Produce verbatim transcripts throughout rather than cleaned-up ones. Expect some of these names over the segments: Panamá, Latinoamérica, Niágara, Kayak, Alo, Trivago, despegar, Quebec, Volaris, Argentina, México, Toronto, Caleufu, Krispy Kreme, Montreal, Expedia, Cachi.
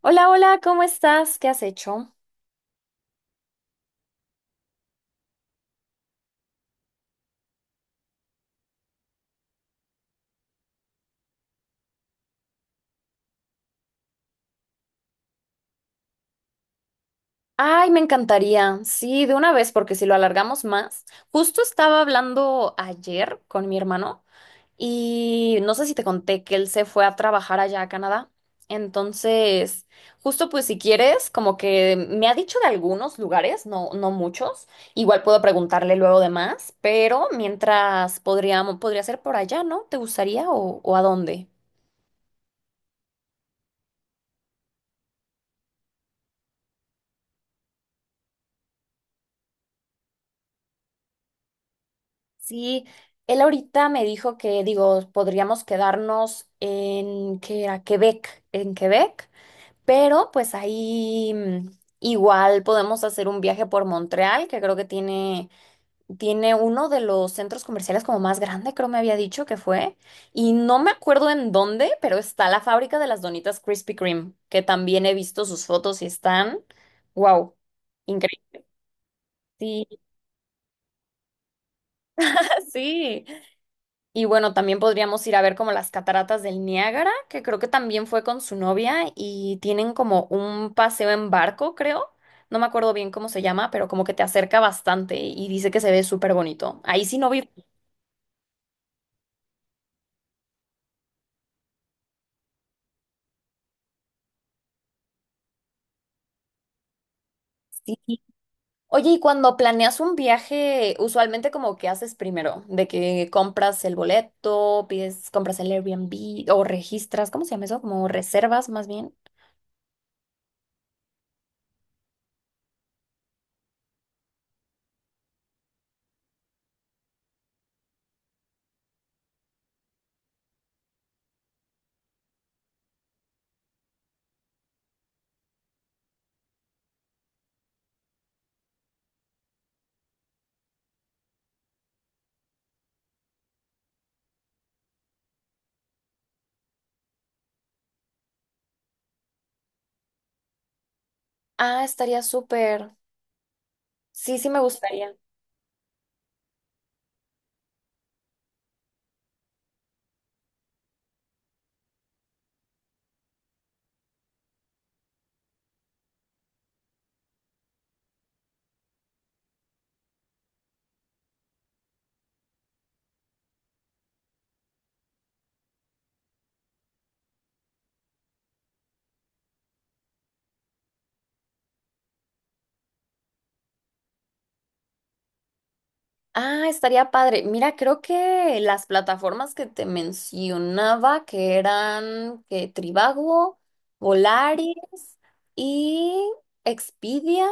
Hola, hola, ¿cómo estás? ¿Qué has hecho? Ay, me encantaría. Sí, de una vez, porque si lo alargamos más. Justo estaba hablando ayer con mi hermano y no sé si te conté que él se fue a trabajar allá a Canadá. Entonces, justo pues si quieres, como que me ha dicho de algunos lugares, no, no muchos. Igual puedo preguntarle luego de más, pero mientras podríamos, podría ser por allá, ¿no? ¿Te gustaría o, o a dónde? Sí, él ahorita me dijo que, digo, podríamos quedarnos en, ¿que era? Quebec, en Quebec, pero pues ahí mm, igual podemos hacer un viaje por Montreal, que creo que tiene, tiene uno de los centros comerciales como más grande, creo me había dicho que fue, y no me acuerdo en dónde, pero está la fábrica de las donitas Krispy Kreme, que también he visto sus fotos y están, wow, increíble. Sí, sí. Y bueno, también podríamos ir a ver como las cataratas del Niágara, que creo que también fue con su novia y tienen como un paseo en barco, creo. No me acuerdo bien cómo se llama, pero como que te acerca bastante y dice que se ve súper bonito. Ahí sí no vi. Sí. Oye, y cuando planeas un viaje, usualmente como que haces primero, de que compras el boleto, pides, compras el Airbnb o registras, ¿cómo se llama eso? Como reservas más bien. Ah, estaría súper. Sí, sí me gustaría. Ah, estaría padre. Mira, creo que las plataformas que te mencionaba, que eran que Trivago, Volaris y Expedia,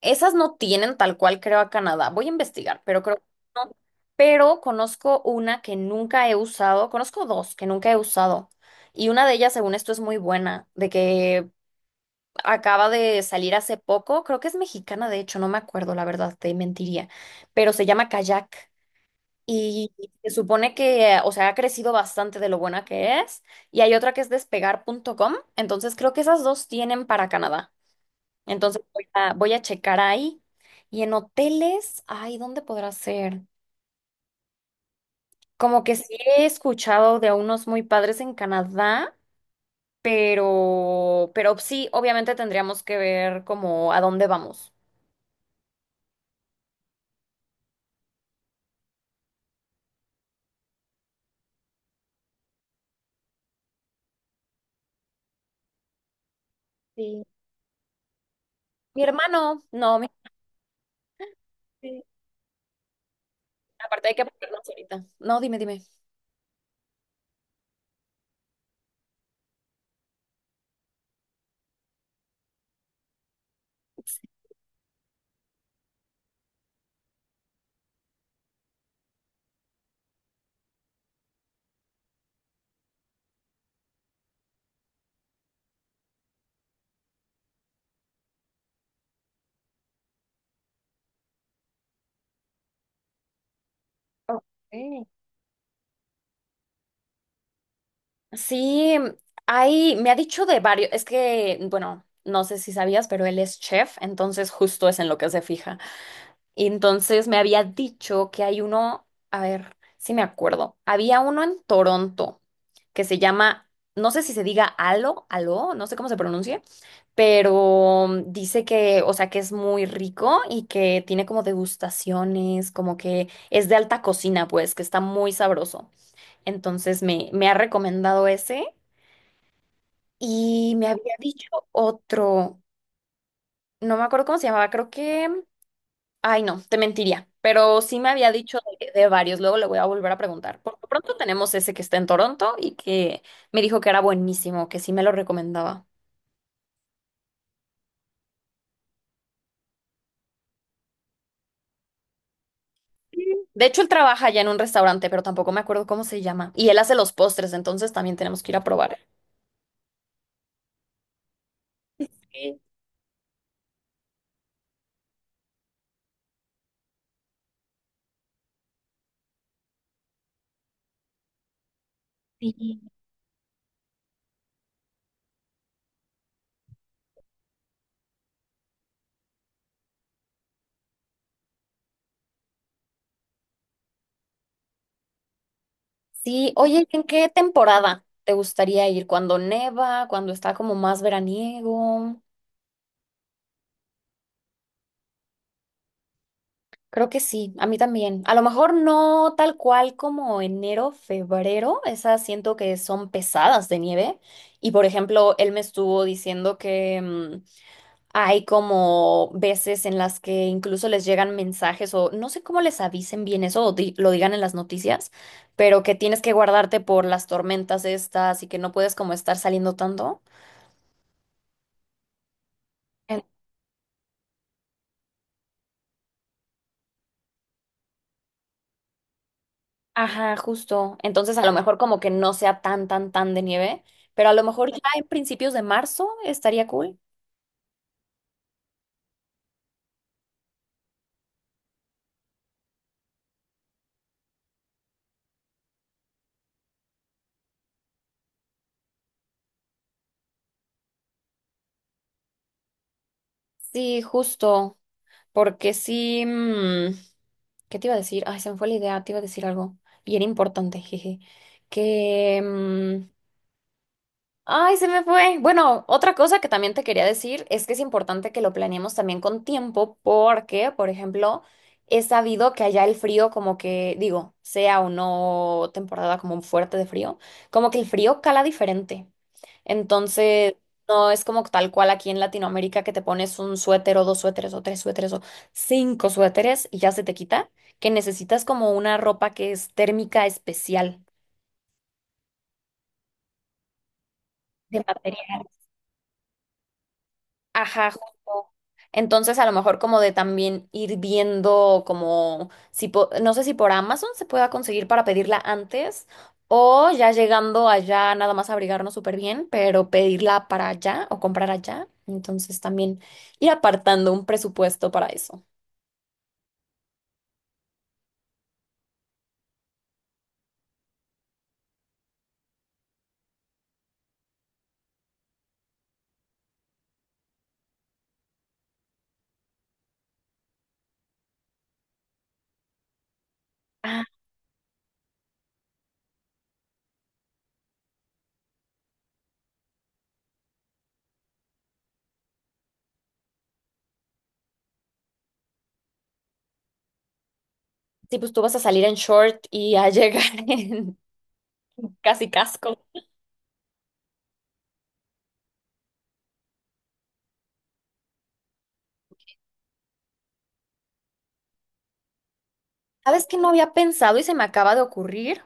esas no tienen tal cual creo a Canadá. Voy a investigar, pero creo que no. Pero conozco una que nunca he usado, conozco dos que nunca he usado. Y una de ellas, según esto, es muy buena, de que acaba de salir hace poco, creo que es mexicana, de hecho, no me acuerdo, la verdad, te mentiría, pero se llama Kayak. Y se supone que, o sea, ha crecido bastante de lo buena que es. Y hay otra que es despegar punto com. Entonces creo que esas dos tienen para Canadá. Entonces voy a, voy a checar ahí. Y en hoteles, ay, ¿dónde podrá ser? Como que sí he escuchado de unos muy padres en Canadá, pero, pero sí, obviamente tendríamos que ver como a dónde vamos. Sí, mi hermano, no, mi- sí. Aparte hay que apuntarnos ahorita. No, dime, dime. Sí. Ok. Sí, hay, me ha dicho de varios, es que, bueno, no sé si sabías, pero él es chef, entonces justo es en lo que se fija. Y entonces me había dicho que hay uno, a ver, si me acuerdo, había uno en Toronto que se llama, no sé si se diga Alo, Alo, no sé cómo se pronuncia, pero dice que, o sea, que es muy rico y que tiene como degustaciones, como que es de alta cocina, pues, que está muy sabroso. Entonces me, me ha recomendado ese. Y me había dicho otro, no me acuerdo cómo se llamaba, creo que, ay no, te mentiría, pero sí me había dicho de, de varios, luego le voy a volver a preguntar. Por lo pronto tenemos ese que está en Toronto y que me dijo que era buenísimo, que sí me lo recomendaba. De hecho, él trabaja ya en un restaurante, pero tampoco me acuerdo cómo se llama. Y él hace los postres, entonces también tenemos que ir a probar. Sí. Sí. Sí, oye, ¿en qué temporada te gustaría ir? ¿Cuando neva? ¿Cuando está como más veraniego? Creo que sí, a mí también. A lo mejor no tal cual como enero, febrero, esas siento que son pesadas de nieve. Y por ejemplo, él me estuvo diciendo que mm, hay como veces en las que incluso les llegan mensajes o no sé cómo les avisen bien eso o di- lo digan en las noticias, pero que tienes que guardarte por las tormentas estas y que no puedes como estar saliendo tanto. Ajá, justo. Entonces, a lo mejor como que no sea tan, tan, tan de nieve, pero a lo mejor ya en principios de marzo estaría cool. Sí, justo. Porque sí. mm, ¿Qué te iba a decir? Ay, se me fue la idea, te iba a decir algo. Y era importante, jeje. Que. mm, Ay, se me fue. Bueno, otra cosa que también te quería decir es que es importante que lo planeemos también con tiempo porque, por ejemplo, he sabido que allá el frío como que, digo, sea o no temporada como fuerte de frío, como que el frío cala diferente. Entonces, no es como tal cual aquí en Latinoamérica que te pones un suéter o dos suéteres o tres suéteres o cinco suéteres y ya se te quita, que necesitas como una ropa que es térmica especial de material. Ajá, justo. Entonces, a lo mejor como de también ir viendo como si po- no sé si por Amazon se pueda conseguir para pedirla antes o ya llegando allá nada más abrigarnos súper bien, pero pedirla para allá o comprar allá. Entonces, también ir apartando un presupuesto para eso. Ah, sí, pues tú vas a salir en short y a llegar en casi casco. ¿Sabes qué no había pensado y se me acaba de ocurrir?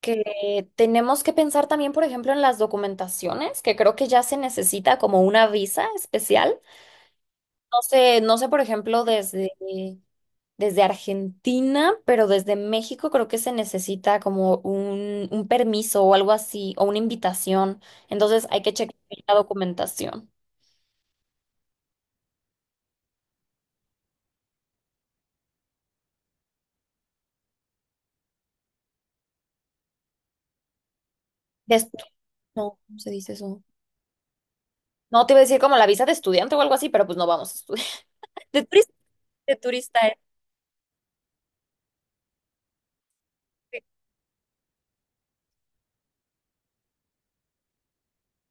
Que tenemos que pensar también, por ejemplo, en las documentaciones, que creo que ya se necesita como una visa especial. No sé, no sé, por ejemplo, desde, desde Argentina, pero desde México creo que se necesita como un, un permiso o algo así, o una invitación. Entonces hay que checar la documentación. De estu- no, ¿cómo se dice eso? No, te iba a decir como la visa de estudiante o algo así, pero pues no vamos a estudiar. De turista, de turista. Eh.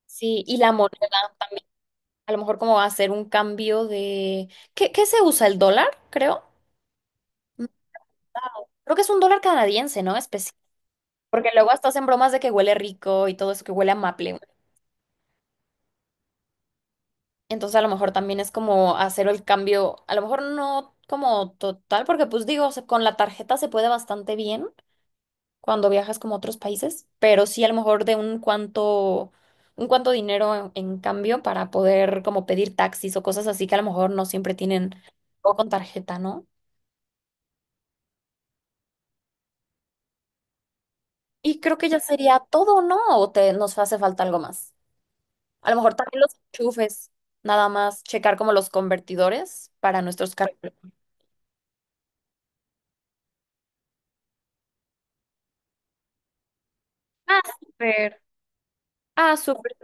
Sí, y la moneda. A lo mejor como va a ser un cambio de... ¿Qué, qué se usa? ¿El dólar? Creo. Mm, wow. Creo que es un dólar canadiense, ¿no? Especial. Porque luego hasta hacen bromas de que huele rico y todo eso, que huele a maple. Entonces a lo mejor también es como hacer el cambio, a lo mejor no como total, porque pues digo, se- con la tarjeta se puede bastante bien cuando viajas como a otros países, pero sí a lo mejor de un cuanto, un cuanto dinero en, en cambio para poder como pedir taxis o cosas así que a lo mejor no siempre tienen o con tarjeta, ¿no? Y creo que ya sería todo, ¿no? ¿O te, nos hace falta algo más? A lo mejor también los enchufes, nada más checar como los convertidores para nuestros carros. Ah, súper. Ah, súper.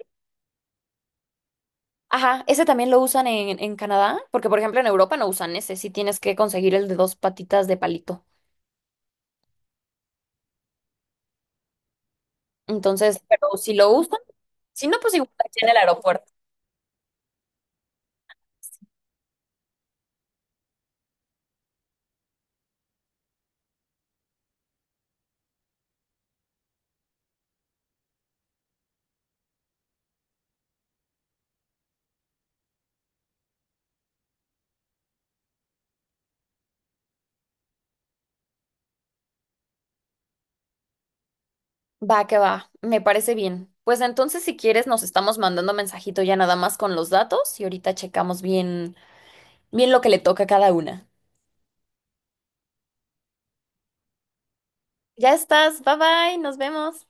Ajá, ese también lo usan en, en Canadá, porque por ejemplo en Europa no usan ese, sí tienes que conseguir el de dos patitas de palito. Entonces, pero si lo usan, si no, pues igual aquí en el aeropuerto. Va que va, me parece bien. Pues entonces, si quieres, nos estamos mandando mensajito ya nada más con los datos y ahorita checamos bien, bien lo que le toca a cada una. Ya estás, bye bye, nos vemos.